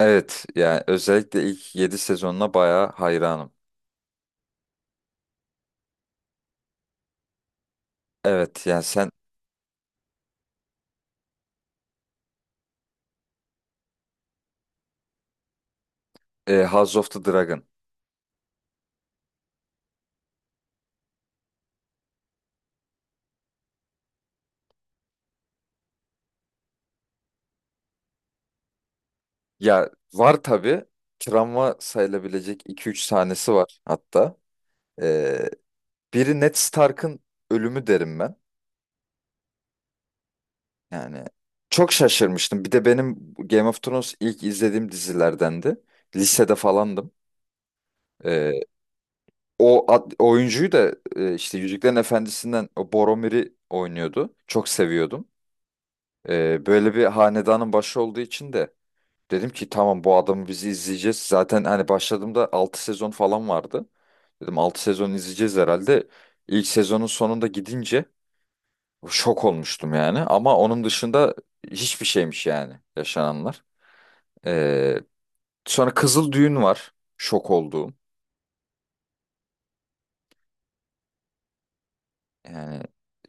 Evet yani özellikle ilk 7 sezonuna bayağı hayranım. Evet yani sen. House of the Dragon. Ya var tabii, travma sayılabilecek iki üç sahnesi var hatta. E, Biri Ned Stark'ın ölümü derim ben. Yani çok şaşırmıştım. Bir de benim Game of Thrones ilk izlediğim dizilerdendi. Lisede falandım. E, Oyuncuyu da işte Yüzüklerin Efendisi'nden o Boromir'i oynuyordu. Çok seviyordum. Böyle bir hanedanın başı olduğu için de dedim ki tamam bu adamı bizi izleyeceğiz. Zaten hani başladığımda 6 sezon falan vardı. Dedim 6 sezon izleyeceğiz herhalde. İlk sezonun sonunda gidince şok olmuştum yani. Ama onun dışında hiçbir şeymiş yani yaşananlar. Ee, Sonra Kızıl Düğün var. Şok olduğum. Yani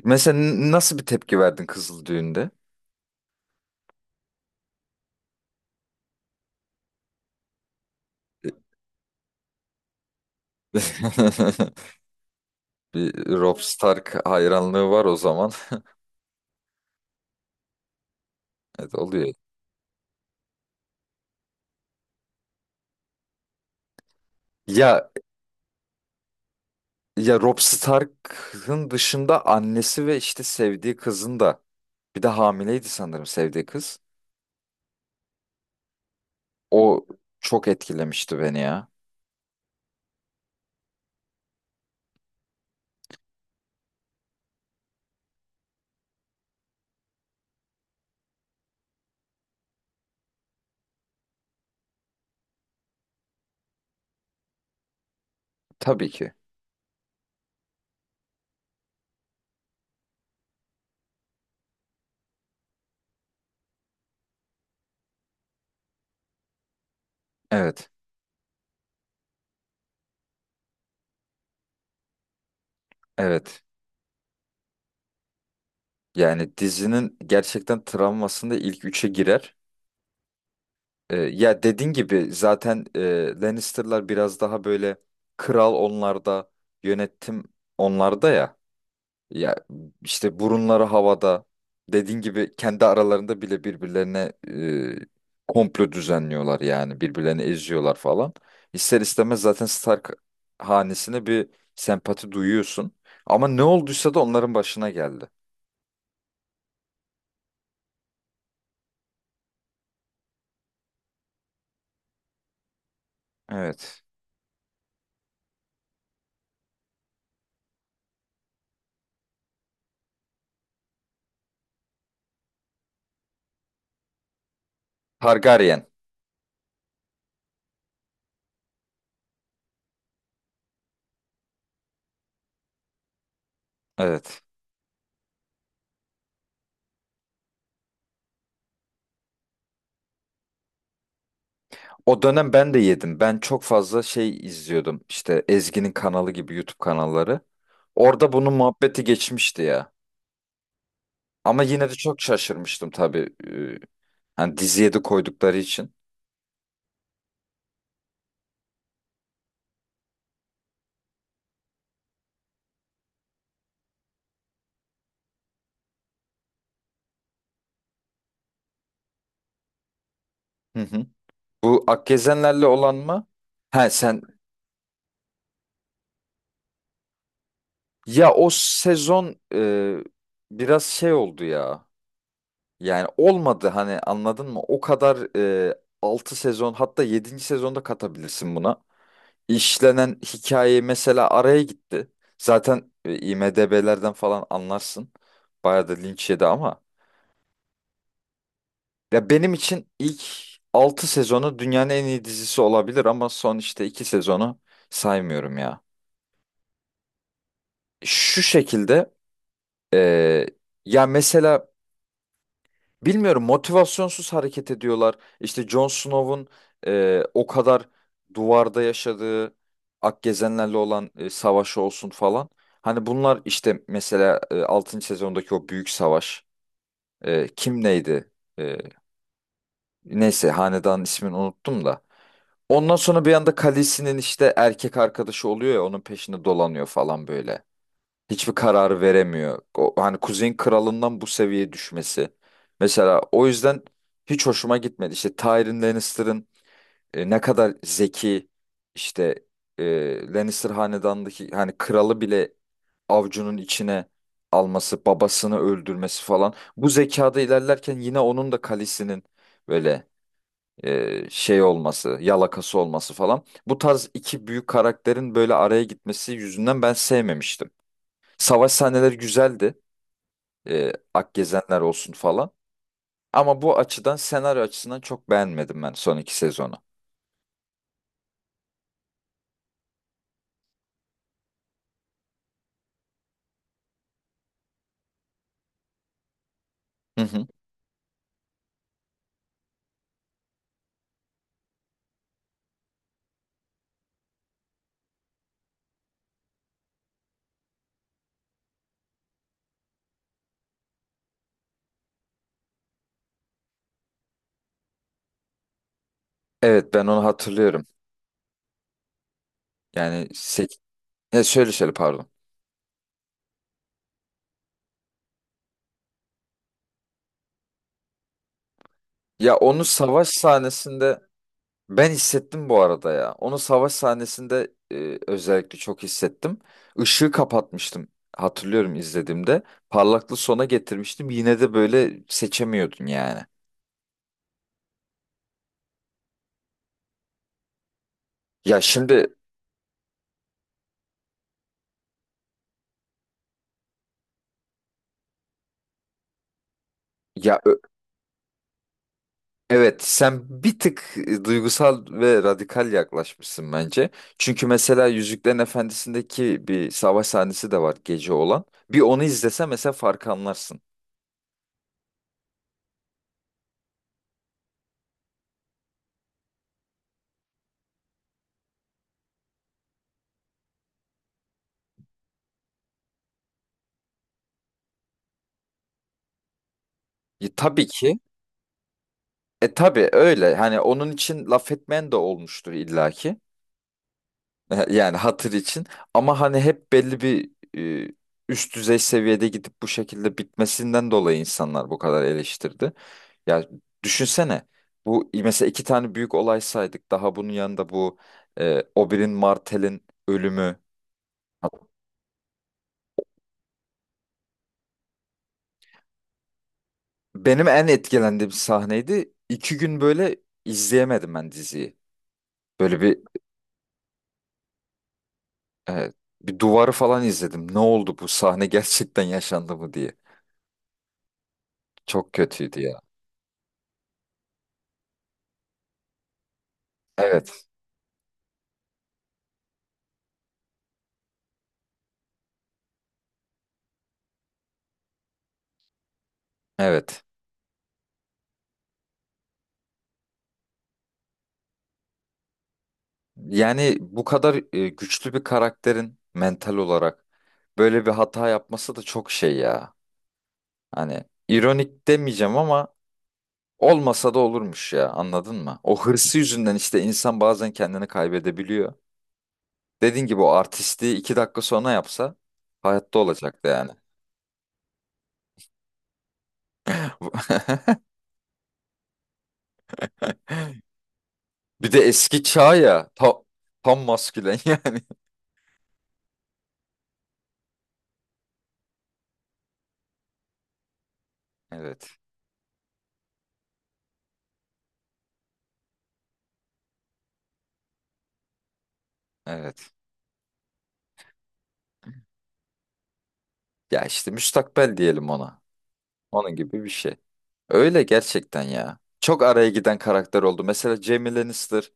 mesela nasıl bir tepki verdin Kızıl Düğün'de? Bir Rob Stark hayranlığı var o zaman. Evet, oluyor. Ya Ya Robb Stark'ın dışında annesi ve işte sevdiği kızın da, bir de hamileydi sanırım sevdiği kız. O çok etkilemişti beni ya. Tabii ki. Evet. Evet. Yani dizinin gerçekten travmasında ilk üçe girer. Ya dediğin gibi zaten Lannister'lar biraz daha böyle, kral onlarda, yönetim onlarda ya. Ya işte burunları havada. Dediğin gibi kendi aralarında bile birbirlerine komplo düzenliyorlar yani. Birbirlerini eziyorlar falan. İster istemez zaten Stark hanesine bir sempati duyuyorsun. Ama ne olduysa da onların başına geldi. Evet. Targaryen. Evet. O dönem ben de yedim. Ben çok fazla şey izliyordum. İşte Ezgi'nin kanalı gibi YouTube kanalları. Orada bunun muhabbeti geçmişti ya. Ama yine de çok şaşırmıştım tabii. Hani diziye de koydukları için. Hı hı. Bu Akgezenlerle olan mı? Ha sen. Ya o sezon biraz şey oldu ya. Yani olmadı, hani anladın mı? O kadar 6 sezon, hatta yedinci sezonda katabilirsin buna. İşlenen hikaye mesela araya gitti. Zaten IMDb'lerden falan anlarsın. Bayağı da linç yedi ama. Ya benim için ilk 6 sezonu dünyanın en iyi dizisi olabilir ama son işte 2 sezonu saymıyorum ya. Şu şekilde e, ya mesela bilmiyorum, motivasyonsuz hareket ediyorlar. İşte Jon Snow'un o kadar duvarda yaşadığı Akgezenlerle olan savaşı olsun falan. Hani bunlar işte mesela 6. sezondaki o büyük savaş. Kim neydi? E, Neyse hanedanın ismini unuttum da. Ondan sonra bir anda Khaleesi'nin işte erkek arkadaşı oluyor ya, onun peşinde dolanıyor falan böyle. Hiçbir karar veremiyor. O, hani Kuzey'in kralından bu seviyeye düşmesi. Mesela o yüzden hiç hoşuma gitmedi. İşte Tyrion Lannister'ın ne kadar zeki işte, Lannister hanedanındaki hani kralı bile avcunun içine alması, babasını öldürmesi falan. Bu zekada ilerlerken yine onun da Khaleesi'nin böyle şey olması, yalakası olması falan. Bu tarz iki büyük karakterin böyle araya gitmesi yüzünden ben sevmemiştim. Savaş sahneleri güzeldi. Akgezenler olsun falan. Ama bu açıdan, senaryo açısından çok beğenmedim ben son 2 sezonu. Hı hı. Evet, ben onu hatırlıyorum. Yani ya şöyle şöyle, pardon. Ya onu savaş sahnesinde ben hissettim bu arada ya. Onu savaş sahnesinde özellikle çok hissettim. Işığı kapatmıştım. Hatırlıyorum izlediğimde. Parlaklığı sona getirmiştim. Yine de böyle seçemiyordun yani. Ya şimdi. Ya. Evet, sen bir tık duygusal ve radikal yaklaşmışsın bence. Çünkü mesela Yüzüklerin Efendisi'ndeki bir savaş sahnesi de var gece olan. Bir onu izlese mesela farkı anlarsın. Tabii ki. Tabii öyle. Hani onun için laf etmeyen de olmuştur illaki. Yani hatır için, ama hani hep belli bir e, üst düzey seviyede gidip bu şekilde bitmesinden dolayı insanlar bu kadar eleştirdi. Ya düşünsene, bu mesela iki tane büyük olay saydık, daha bunun yanında bu Oberyn Martell'in ölümü. Benim en etkilendiğim sahneydi. 2 gün böyle izleyemedim ben diziyi. Böyle e, bir duvarı falan izledim. Ne oldu bu sahne, gerçekten yaşandı mı diye. Çok kötüydü ya. Evet, evet. Yani bu kadar güçlü bir karakterin mental olarak böyle bir hata yapması da çok şey ya. Hani ironik demeyeceğim ama olmasa da olurmuş ya, anladın mı? O hırsı yüzünden işte insan bazen kendini kaybedebiliyor. Dediğin gibi o artistliği 2 dakika sonra yapsa hayatta olacaktı yani. Bir de eski çağ ya, tam maskülen yani. Evet, evet, ya işte müstakbel diyelim ona. Onun gibi bir şey. Öyle gerçekten ya. Çok araya giden karakter oldu. Mesela Jaime Lannister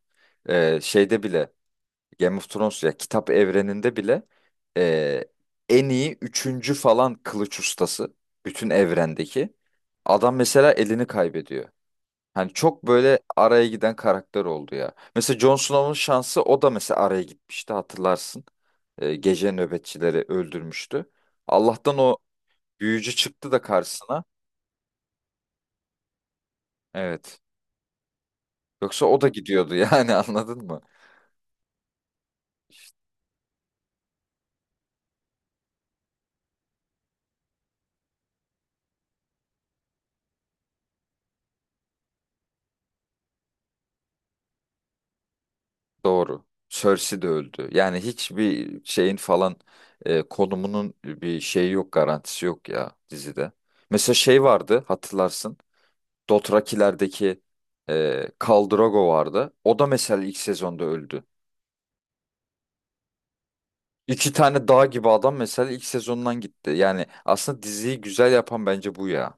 şeyde bile, Game of Thrones ya kitap evreninde bile e, en iyi üçüncü falan kılıç ustası bütün evrendeki. Adam mesela elini kaybediyor. Hani çok böyle araya giden karakter oldu ya. Mesela Jon Snow'un şansı, o da mesela araya gitmişti, hatırlarsın. Gece nöbetçileri öldürmüştü. Allah'tan o büyücü çıktı da karşısına. Evet. Yoksa o da gidiyordu yani, anladın mı? Doğru. Cersei de öldü. Yani hiçbir şeyin falan konumunun bir şeyi yok, garantisi yok ya dizide. Mesela şey vardı, hatırlarsın. Dothraki'lerdeki Khal Drogo vardı. O da mesela ilk sezonda öldü. İki tane dağ gibi adam mesela ilk sezondan gitti. Yani aslında diziyi güzel yapan bence bu ya.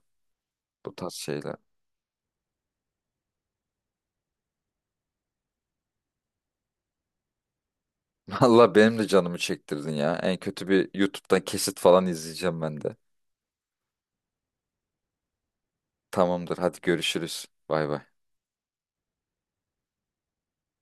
Bu tarz şeyler. Valla benim de canımı çektirdin ya. En kötü bir YouTube'dan kesit falan izleyeceğim ben de. Tamamdır. Hadi görüşürüz. Bay bay.